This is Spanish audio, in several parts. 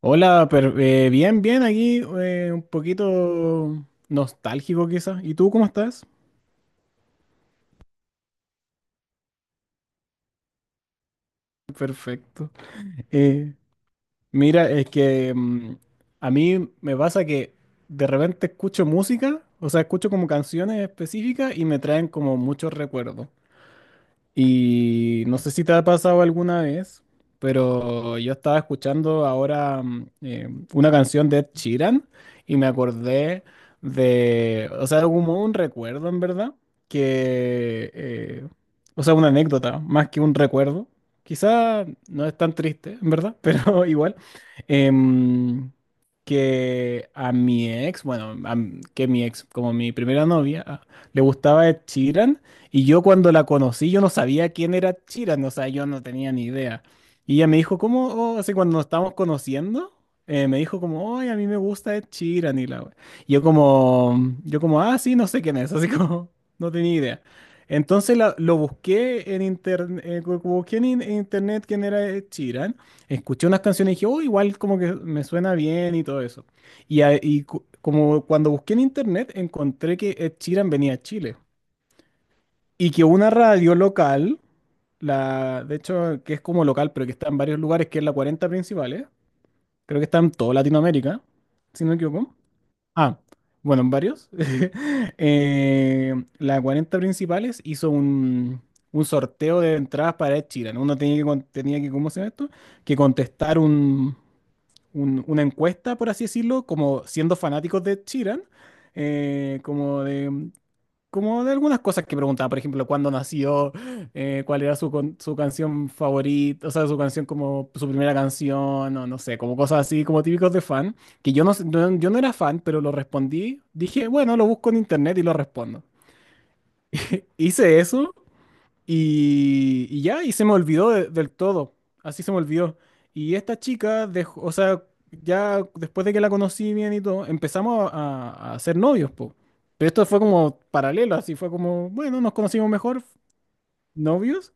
Hola, bien, bien, aquí un poquito nostálgico quizás. ¿Y tú cómo estás? Perfecto. Eh, Mira, es que a mí me pasa que de repente escucho música, o sea, escucho como canciones específicas y me traen como muchos recuerdos. Y no sé si te ha pasado alguna vez, pero yo estaba escuchando ahora una canción de Ed Sheeran y me acordé de, o sea, como un recuerdo en verdad, que, o sea, una anécdota más que un recuerdo. Quizá no es tan triste, en verdad, pero igual. Em, que a mi ex, bueno, que mi ex, como mi primera novia, le gustaba Ed Sheeran. Y yo cuando la conocí, yo no sabía quién era Chiran, o sea, yo no tenía ni idea. Y ella me dijo, ¿cómo? Oh, así cuando nos estábamos conociendo, me dijo como, ay, a mí me gusta Ed Sheeran y la we-". Y yo como, ah, sí, no sé quién es, así como, no tenía idea. Entonces lo busqué en internet, en internet quién era Ed Sheeran, escuché unas canciones y dije, oh, igual como que me suena bien y todo eso. Y como cuando busqué en internet, encontré que Ed Sheeran venía a Chile. Y que una radio local, la, de hecho, que es como local, pero que está en varios lugares, que es la 40 Principales, creo que está en toda Latinoamérica, si no me equivoco. Ah, bueno, en varios. La 40 principales hizo un sorteo de entradas para Ed Sheeran. Uno tenía que, ¿cómo se llama esto? Que contestar un, una encuesta, por así decirlo, como siendo fanáticos de Ed Sheeran, eh, como de como de algunas cosas que preguntaba, por ejemplo, cuándo nació, cuál era su canción favorita, o sea, su canción como su primera canción, o no sé, como cosas así, como típicos de fan, que yo no era fan, pero lo respondí, dije, bueno, lo busco en internet y lo respondo. Hice eso y, y ya, se me olvidó del todo. Así se me olvidó. Y esta chica, o sea, ya después de que la conocí bien y todo, empezamos a ser novios, po. Pero esto fue como paralelo, así fue como, bueno, nos conocimos mejor, novios.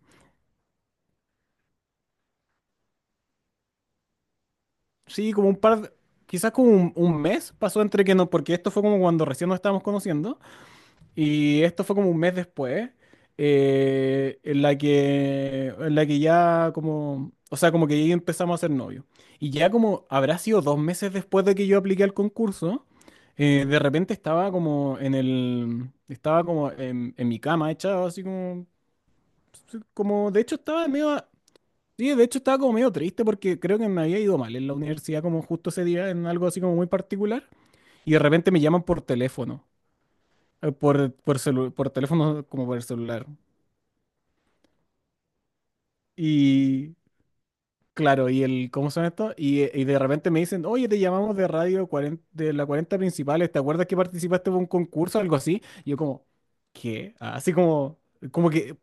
Sí, como un par, quizás como un mes pasó entre que no, porque esto fue como cuando recién nos estábamos conociendo. Y esto fue como un mes después, en la que ya como, o sea, como que ya empezamos a ser novios. Y ya como habrá sido 2 meses después de que yo apliqué al concurso, de repente estaba como en mi cama echado, así como, sí, como, de hecho estaba medio, sí, de hecho estaba como medio triste porque creo que me había ido mal en la universidad como justo ese día en algo así como muy particular. Y de repente me llaman por teléfono como por el celular. Y claro, y el, ¿cómo son estos? Y de repente me dicen, oye, te llamamos de radio 40 de la 40 Principales, ¿te acuerdas que participaste en un concurso o algo así? Y yo como, ¿qué? Así como, como que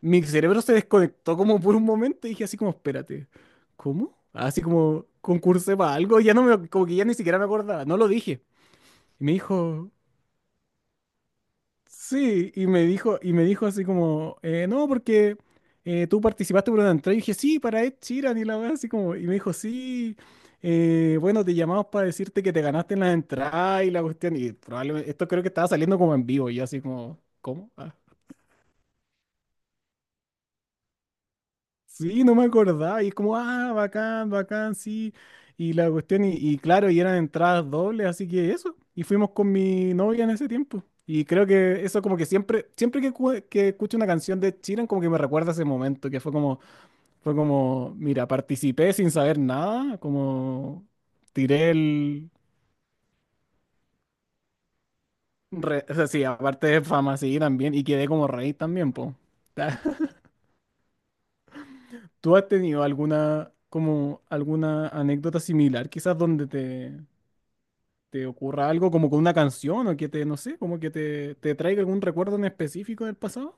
mi cerebro se desconectó como por un momento y dije así como, espérate, ¿cómo? Así como, concursé para algo, ya no me, como que ya ni siquiera me acordaba, no lo dije. Y me dijo, sí, y me dijo así como, no, porque tú participaste por una entrada. Y dije, sí, para Ed Sheeran y la weá, así como, y me dijo, sí, bueno, te llamamos para decirte que te ganaste en la entrada y la cuestión. Y probablemente, esto creo que estaba saliendo como en vivo, y yo así como, ¿cómo? Ah". Sí, no me acordaba. Y es como, ah, bacán, bacán, sí. Y la cuestión, y, y claro, eran entradas dobles, así que eso. Y fuimos con mi novia en ese tiempo. Y creo que eso como que siempre, siempre que escucho una canción de Chiran, como que me recuerda ese momento, que fue como, mira, participé sin saber nada, como tiré el... O sea, sí, aparte de fama, sí, también, y quedé como rey también, po. ¿Tú has tenido alguna, como, alguna anécdota similar, quizás donde te, ocurra algo como con una canción o que te, no sé, como que te, traiga algún recuerdo en específico del pasado?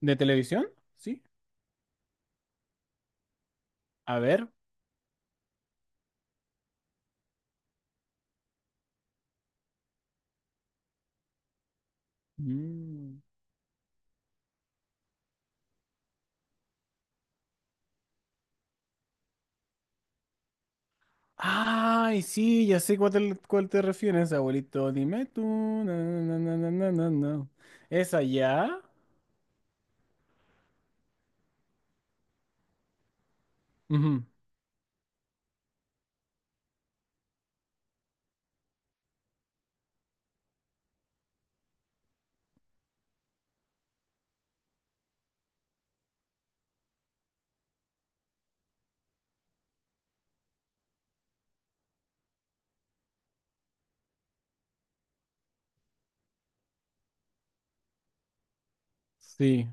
¿De televisión? Sí. A ver. Mm. Ay, sí, ya sé cuál te refieres, abuelito. Dime tú, na, na, na, na, na, na, na. ¿Esa ya? Ujú. Sí,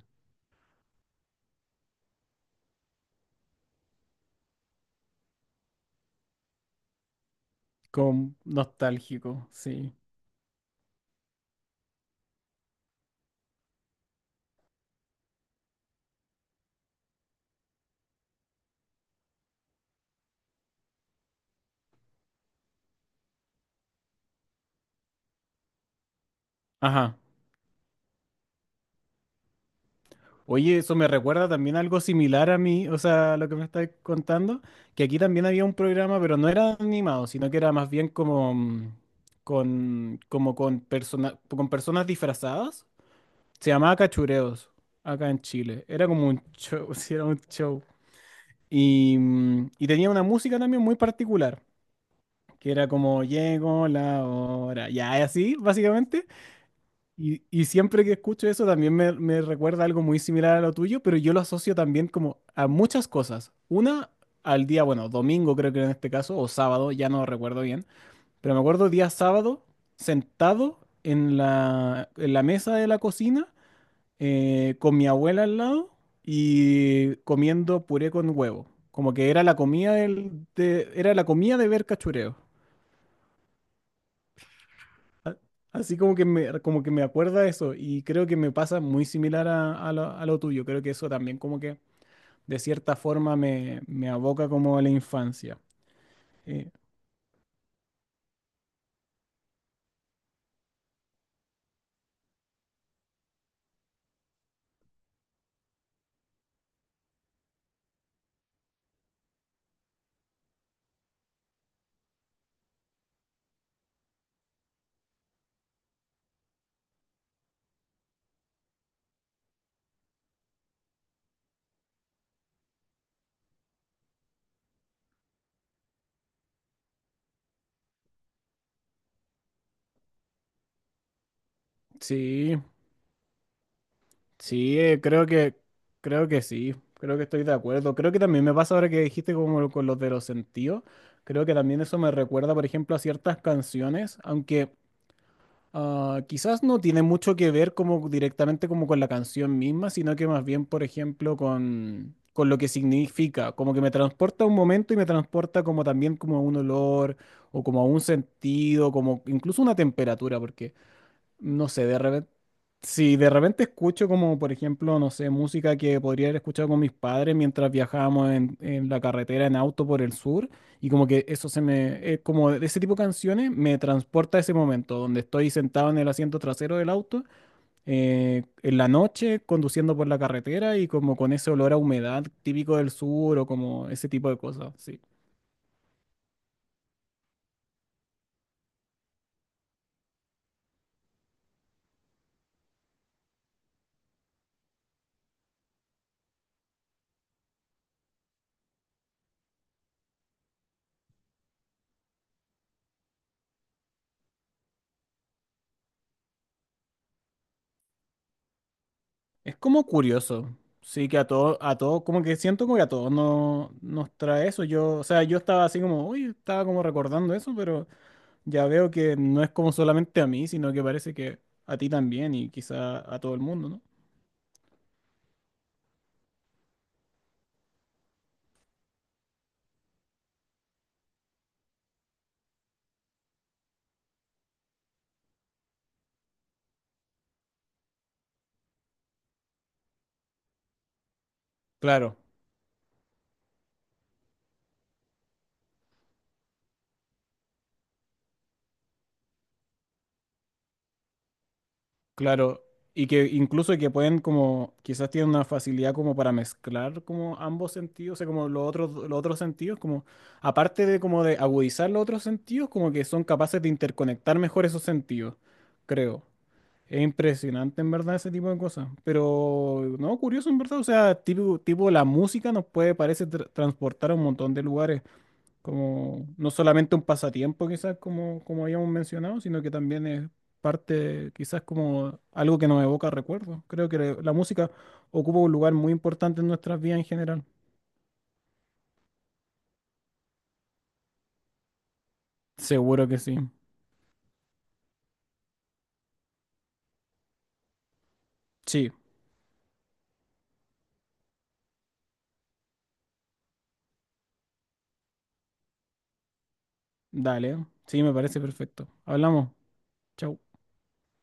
con nostálgico, sí. Ajá. Oye, eso me recuerda también algo similar a mí, o sea, lo que me estás contando, que aquí también había un programa, pero no era animado, sino que era más bien como con personas disfrazadas. Se llamaba Cachureos, acá en Chile. Era como un show, sí, era un show. Y tenía una música también muy particular, que era como llegó la hora, ya, y así, básicamente. Y siempre que escucho eso también me, recuerda algo muy similar a lo tuyo, pero yo lo asocio también como a muchas cosas. Una, al día, bueno, domingo creo que era en este caso, o sábado, ya no recuerdo bien, pero me acuerdo día sábado sentado en la mesa de la cocina con mi abuela al lado y comiendo puré con huevo. Como que era la comida de ver cachureo. Así como que me acuerda eso y creo que me pasa muy similar a lo tuyo. Creo que eso también como que de cierta forma me, aboca como a la infancia. Eh, sí, sí, creo que sí, creo que estoy de acuerdo. Creo que también me pasa ahora que dijiste como con los de los sentidos. Creo que también eso me recuerda, por ejemplo, a ciertas canciones, aunque... Ah, quizás no tiene mucho que ver como directamente como con la canción misma, sino que más bien, por ejemplo, con lo que significa, como que me transporta a un momento y me transporta como también como a un olor o como a un sentido, como incluso una temperatura, porque no sé, de repente, si de repente escucho como, por ejemplo, no sé, música que podría haber escuchado con mis padres mientras viajábamos en la carretera en auto por el sur, y como que eso como ese tipo de canciones me transporta a ese momento donde estoy sentado en el asiento trasero del auto, en la noche, conduciendo por la carretera y como con ese olor a humedad típico del sur o como ese tipo de cosas, sí. Es como curioso, sí, que a todos, como que siento como que a todos no, nos trae eso. Yo, o sea, yo estaba así como, uy, estaba como recordando eso, pero ya veo que no es como solamente a mí, sino que parece que a ti también y quizá a todo el mundo, ¿no? Claro, claro. Y que incluso que pueden como, quizás tienen una facilidad como para mezclar como ambos sentidos, o sea, como los otros sentidos, como aparte de como de agudizar los otros sentidos, como que son capaces de interconectar mejor esos sentidos, creo. Es impresionante en verdad ese tipo de cosas, pero no, curioso en verdad, o sea, tipo, tipo la música nos puede, parece, transportar a un montón de lugares, como no solamente un pasatiempo quizás como, como habíamos mencionado, sino que también es parte quizás como algo que nos evoca recuerdos. Creo que la música ocupa un lugar muy importante en nuestras vidas en general. Seguro que sí. Sí, dale, sí, me parece perfecto. Hablamos. Chau.